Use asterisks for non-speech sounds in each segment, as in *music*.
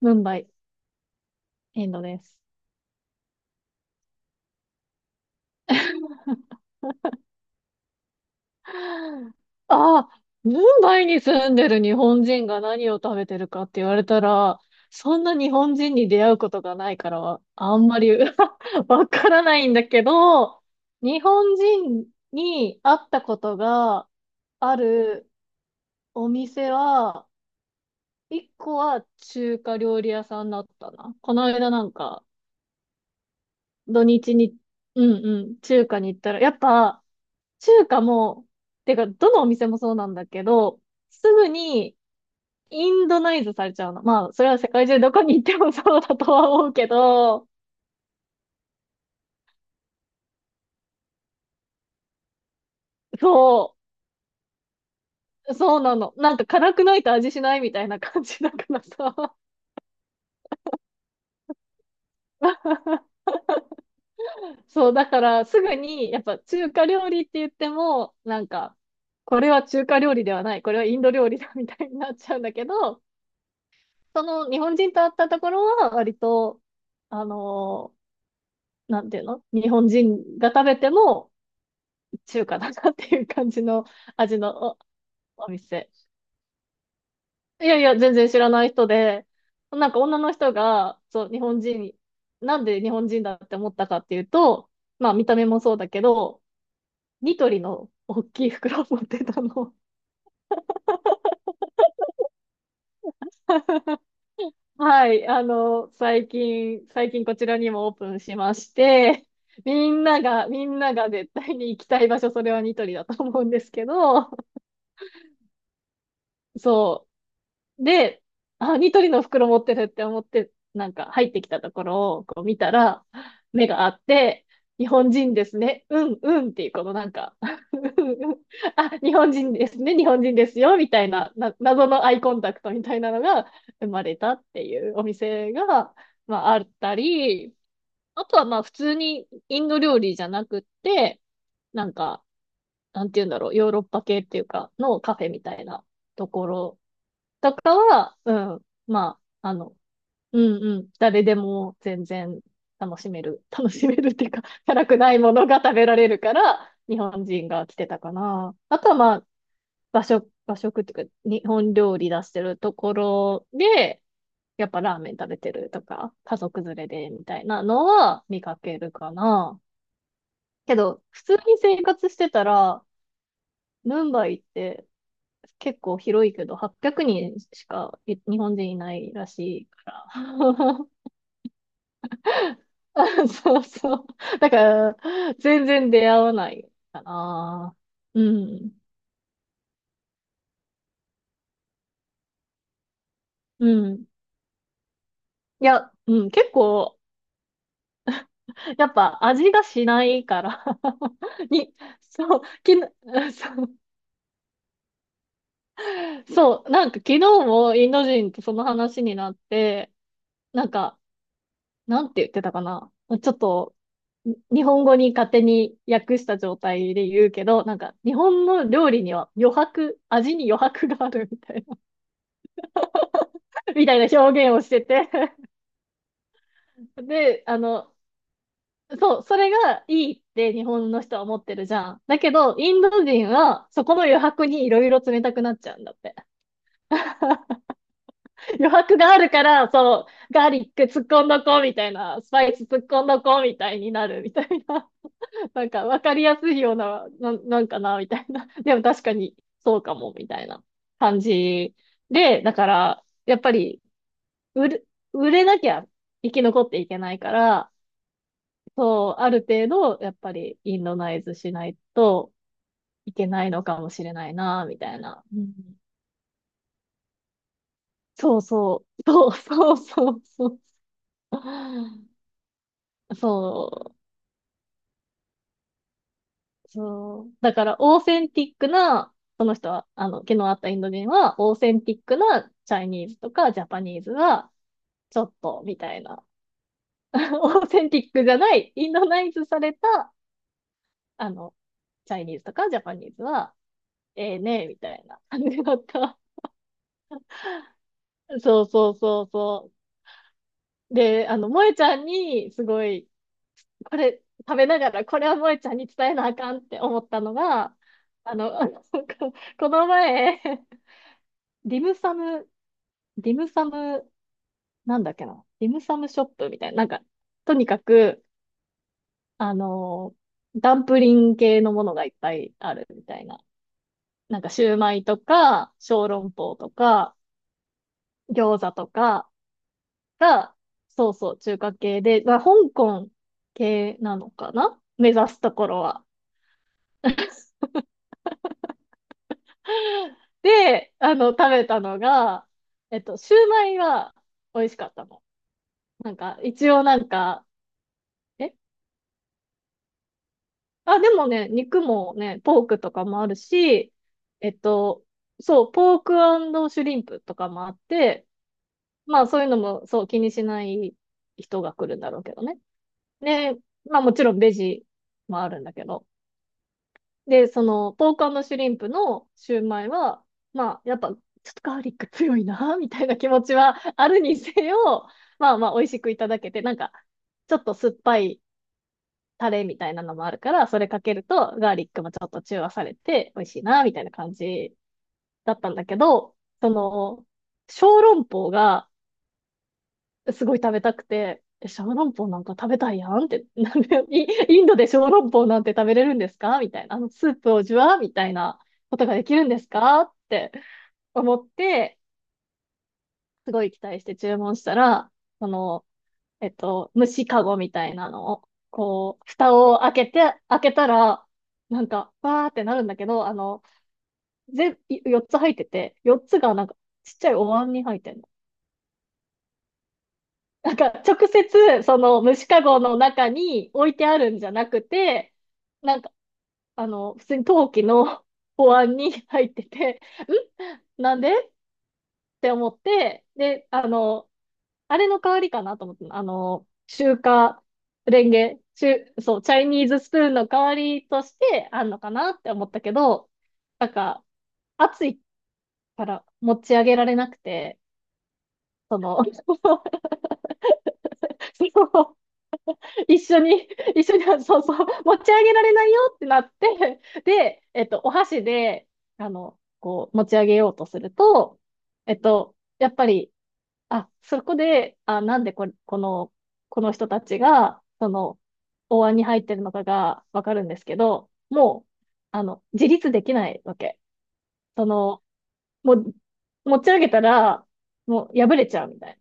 ムンバイ、インドです。ああ、ムンバイに住んでる日本人が何を食べてるかって言われたら、そんな日本人に出会うことがないからは、あんまり *laughs* わからないんだけど、日本人に会ったことがあるお店は、一個は中華料理屋さんだったな。この間なんか、土日に、うんうん、中華に行ったら、やっぱ、中華も、てか、どのお店もそうなんだけど、すぐにインドナイズされちゃうの。まあ、それは世界中どこに行ってもそうだとは思うけど、そそうなの。なんか辛くないと味しないみたいな感じだからさ。*laughs* そう、だからすぐに、やっぱ中華料理って言っても、なんか、これは中華料理ではない、これはインド料理だみたいになっちゃうんだけど、その日本人と会ったところは割と、あのなんていうの、日本人が食べても中華だなっていう感じの味のお店。いやいや、全然知らない人で、なんか女の人が、そう、日本人、なんで日本人だって思ったかっていうと、まあ見た目もそうだけど、ニトリの大きい袋を持ってたの。*laughs* はい、最近こちらにもオープンしまして、みんなが、みんなが絶対に行きたい場所、それはニトリだと思うんですけど、そう。で、あ、ニトリの袋持ってるって思って、なんか入ってきたところをこう見たら、目があって、日本人ですね。うん、うんっていう、このなんか *laughs* うんうんうん *laughs* あ、日本人ですね。日本人ですよ。みたいな、謎のアイコンタクトみたいなのが生まれたっていうお店が、まあ、あったり、あとはまあ、普通にインド料理じゃなくって、なんか、なんて言うんだろう、ヨーロッパ系っていうか、のカフェみたいなところとかは、うん、まあ、うんうん、誰でも全然楽しめる、*laughs* 楽しめるっていうか、*laughs* 辛くないものが食べられるから、日本人が来てたかな。あとはまあ、和食、和食っていうか、日本料理出してるところで、やっぱラーメン食べてるとか、家族連れでみたいなのは見かけるかな。けど、普通に生活してたら、ムンバイって結構広いけど、800人しかい日本人いないらしいから。*laughs* そうそう。だから、全然出会わないかな。うん。うん。いや、うん、結構、やっぱ味がしないから *laughs* に、そう、きの、*laughs* そう、そう、なんか昨日もインド人とその話になって、なんか、なんて言ってたかな。ちょっと、日本語に勝手に訳した状態で言うけど、なんか日本の料理には余白、味に余白があるみたいな、*laughs* みたいな表現をしてて、で、そう、それがいいって日本の人は思ってるじゃん。だけど、インド人はそこの余白にいろいろ冷たくなっちゃうんだって。余白があるから、そう、ガーリック突っ込んどこうみたいな、スパイス突っ込んどこうみたいになるみたいな。なんか分かりやすいような、なんかな、みたいな。*laughs* でも確かにそうかも、みたいな感じで、だから、やっぱり売れ、売れなきゃ生き残っていけないから、そう、ある程度、やっぱりインドナイズしないといけないのかもしれないな、みたいな。うん、そうそうそうそう。そそう。だから、オーセンティックな、毛のあったインド人は、オーセンティックなチャイニーズとかジャパニーズは、ちょっと、みたいな。*laughs* オーセンティックじゃない、インドナイズされた、あの、チャイニーズとかジャパニーズは、ええねえみたいな感じだった。*laughs* そうそうそうそう。で、萌えちゃんに、すごい、これ、食べながら、これは萌えちゃんに伝えなあかんって思ったのが、あの、*laughs* この前、ディムサム、ディムサム、なんだっけな、ディムサムショップみたいな、なんか、とにかく、あのーダンプリン系のものがいっぱいあるみたいな。なんか、シューマイとか、小籠包とか、餃子とかが、そうそう、中華系で、まあ、香港系なのかな、目指すところは。で、食べたのが、えっと、シューマイは美味しかったの。なんか、一応なんか、えあ、でもね、肉もね、ポークとかもあるし、えっと、そう、ポークシュリンプとかもあって、まあそういうのも、そう、気にしない人が来るんだろうけどね。で、まあもちろんベジもあるんだけど。で、その、ポークシュリンプのシューマイは、まあやっぱ、ちょっとガーリック強いな、*laughs* みたいな気持ちはあるにせよ、まあまあ美味しくいただけて、なんか、ちょっと酸っぱいタレみたいなのもあるから、それかけるとガーリックもちょっと中和されて美味しいな、みたいな感じだったんだけど、その、小籠包がすごい食べたくて、え小籠包なんか食べたいやんって、*laughs* なんで、イインドで小籠包なんて食べれるんですかみたいな、あのスープをジュワーみたいなことができるんですかって思って、すごい期待して注文したら、その、えっと、虫かごみたいなのを、こう、蓋を開けて、開けたら、なんか、わーってなるんだけど、全、4つ入ってて、4つがなんか、ちっちゃいお椀に入ってんの。なんか、直接、その虫かごの中に置いてあるんじゃなくて、なんか、普通に陶器の *laughs* に入ってて、んなんでって思って、で、あれの代わりかなと思って、レンゲ、中、そう、チャイニーズスプーンの代わりとしてあんのかなって思ったけど、なんか、暑いから持ち上げられなくて、その、*laughs* その一緒に、一緒に、そうそう、持ち上げられないよってなって、で、えっと、お箸で、こう、持ち上げようとすると、えっと、やっぱり、あ、そこで、あ、なんでこ、この人たちが、その、お椀に入ってるのかがわかるんですけど、もう、自立できないわけ。その、もう、持ち上げたら、もう破れちゃうみたい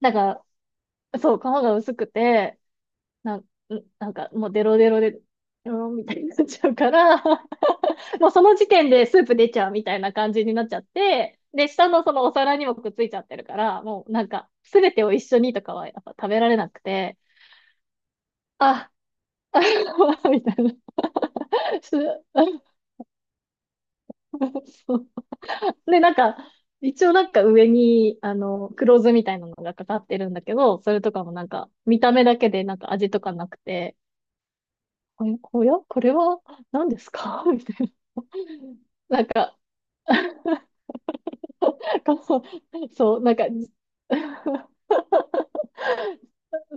な。なんかそう、皮が薄くて、なん、んなんかもうデロデロで、うん、みたいになっちゃうから、*laughs* もうその時点でスープ出ちゃうみたいな感じになっちゃって、で、下のそのお皿にもくっついちゃってるから、もうなんか、すべてを一緒にとかはやっぱ食べられなくて、あ、あ *laughs* みたいな。*laughs* す *laughs* そうで、なんか、一応なんか上に、黒酢みたいなのがかかってるんだけど、それとかもなんか、見た目だけでなんか味とかなくて、おやこれは何ですか *laughs* みたいな。なんか、*laughs* そうなんか、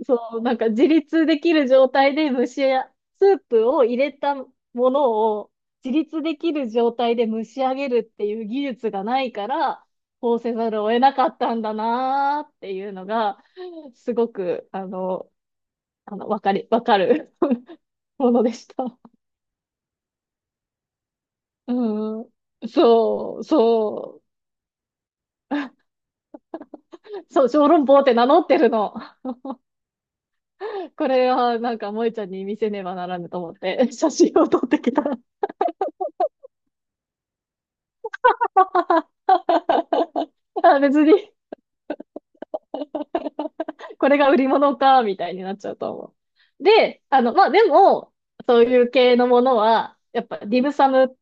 そう、なんか自立できる状態で蒸しや、スープを入れたものを自立できる状態で蒸し上げるっていう技術がないから、こうせざるを得なかったんだなーっていうのが、すごく、わかる *laughs* ものでした。うん。そう、そそう、小籠包って名乗ってるの。これはなんか萌えちゃんに見せねばならぬと思って、写真を撮ってきた。*laughs* あ、別に、これが売り物か、みたいになっちゃうと思う。で、まあ、でも、そういう系のものは、やっぱ、ディムサム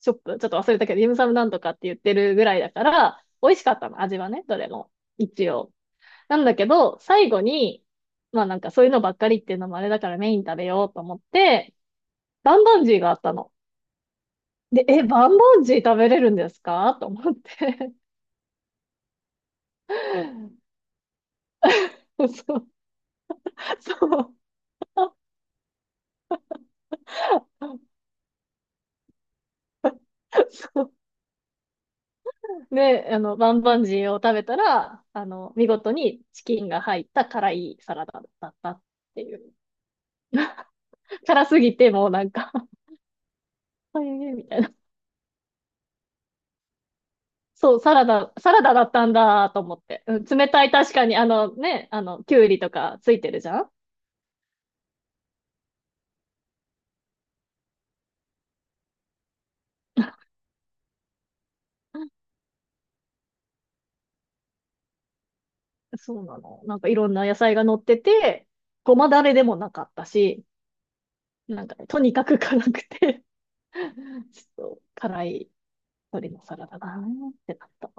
ショップ、ちょっと忘れたけど、ディムサムなんとかって言ってるぐらいだから、美味しかったの、味はね、どれも。一応。なんだけど、最後に、まあなんかそういうのばっかりっていうのもあれだからメイン食べようと思って、バンバンジーがあったの。で、え、バンバンジー食べれるんですかと思って。*laughs* そう。そうで、バンバンジーを食べたら、見事にチキンが入った辛いサラダだったっていう。辛すぎて、もうなんか *laughs* あ、ええみたいな。そう、サラダだったんだと思って。うん、冷たい、確かに、あのね、きゅうりとかついてるじゃん。そうなの。なんかいろんな野菜が乗ってて、ごまだれでもなかったし、なんかね、とにかく辛くて *laughs* ちょっと辛い鶏のサラダだなってなった。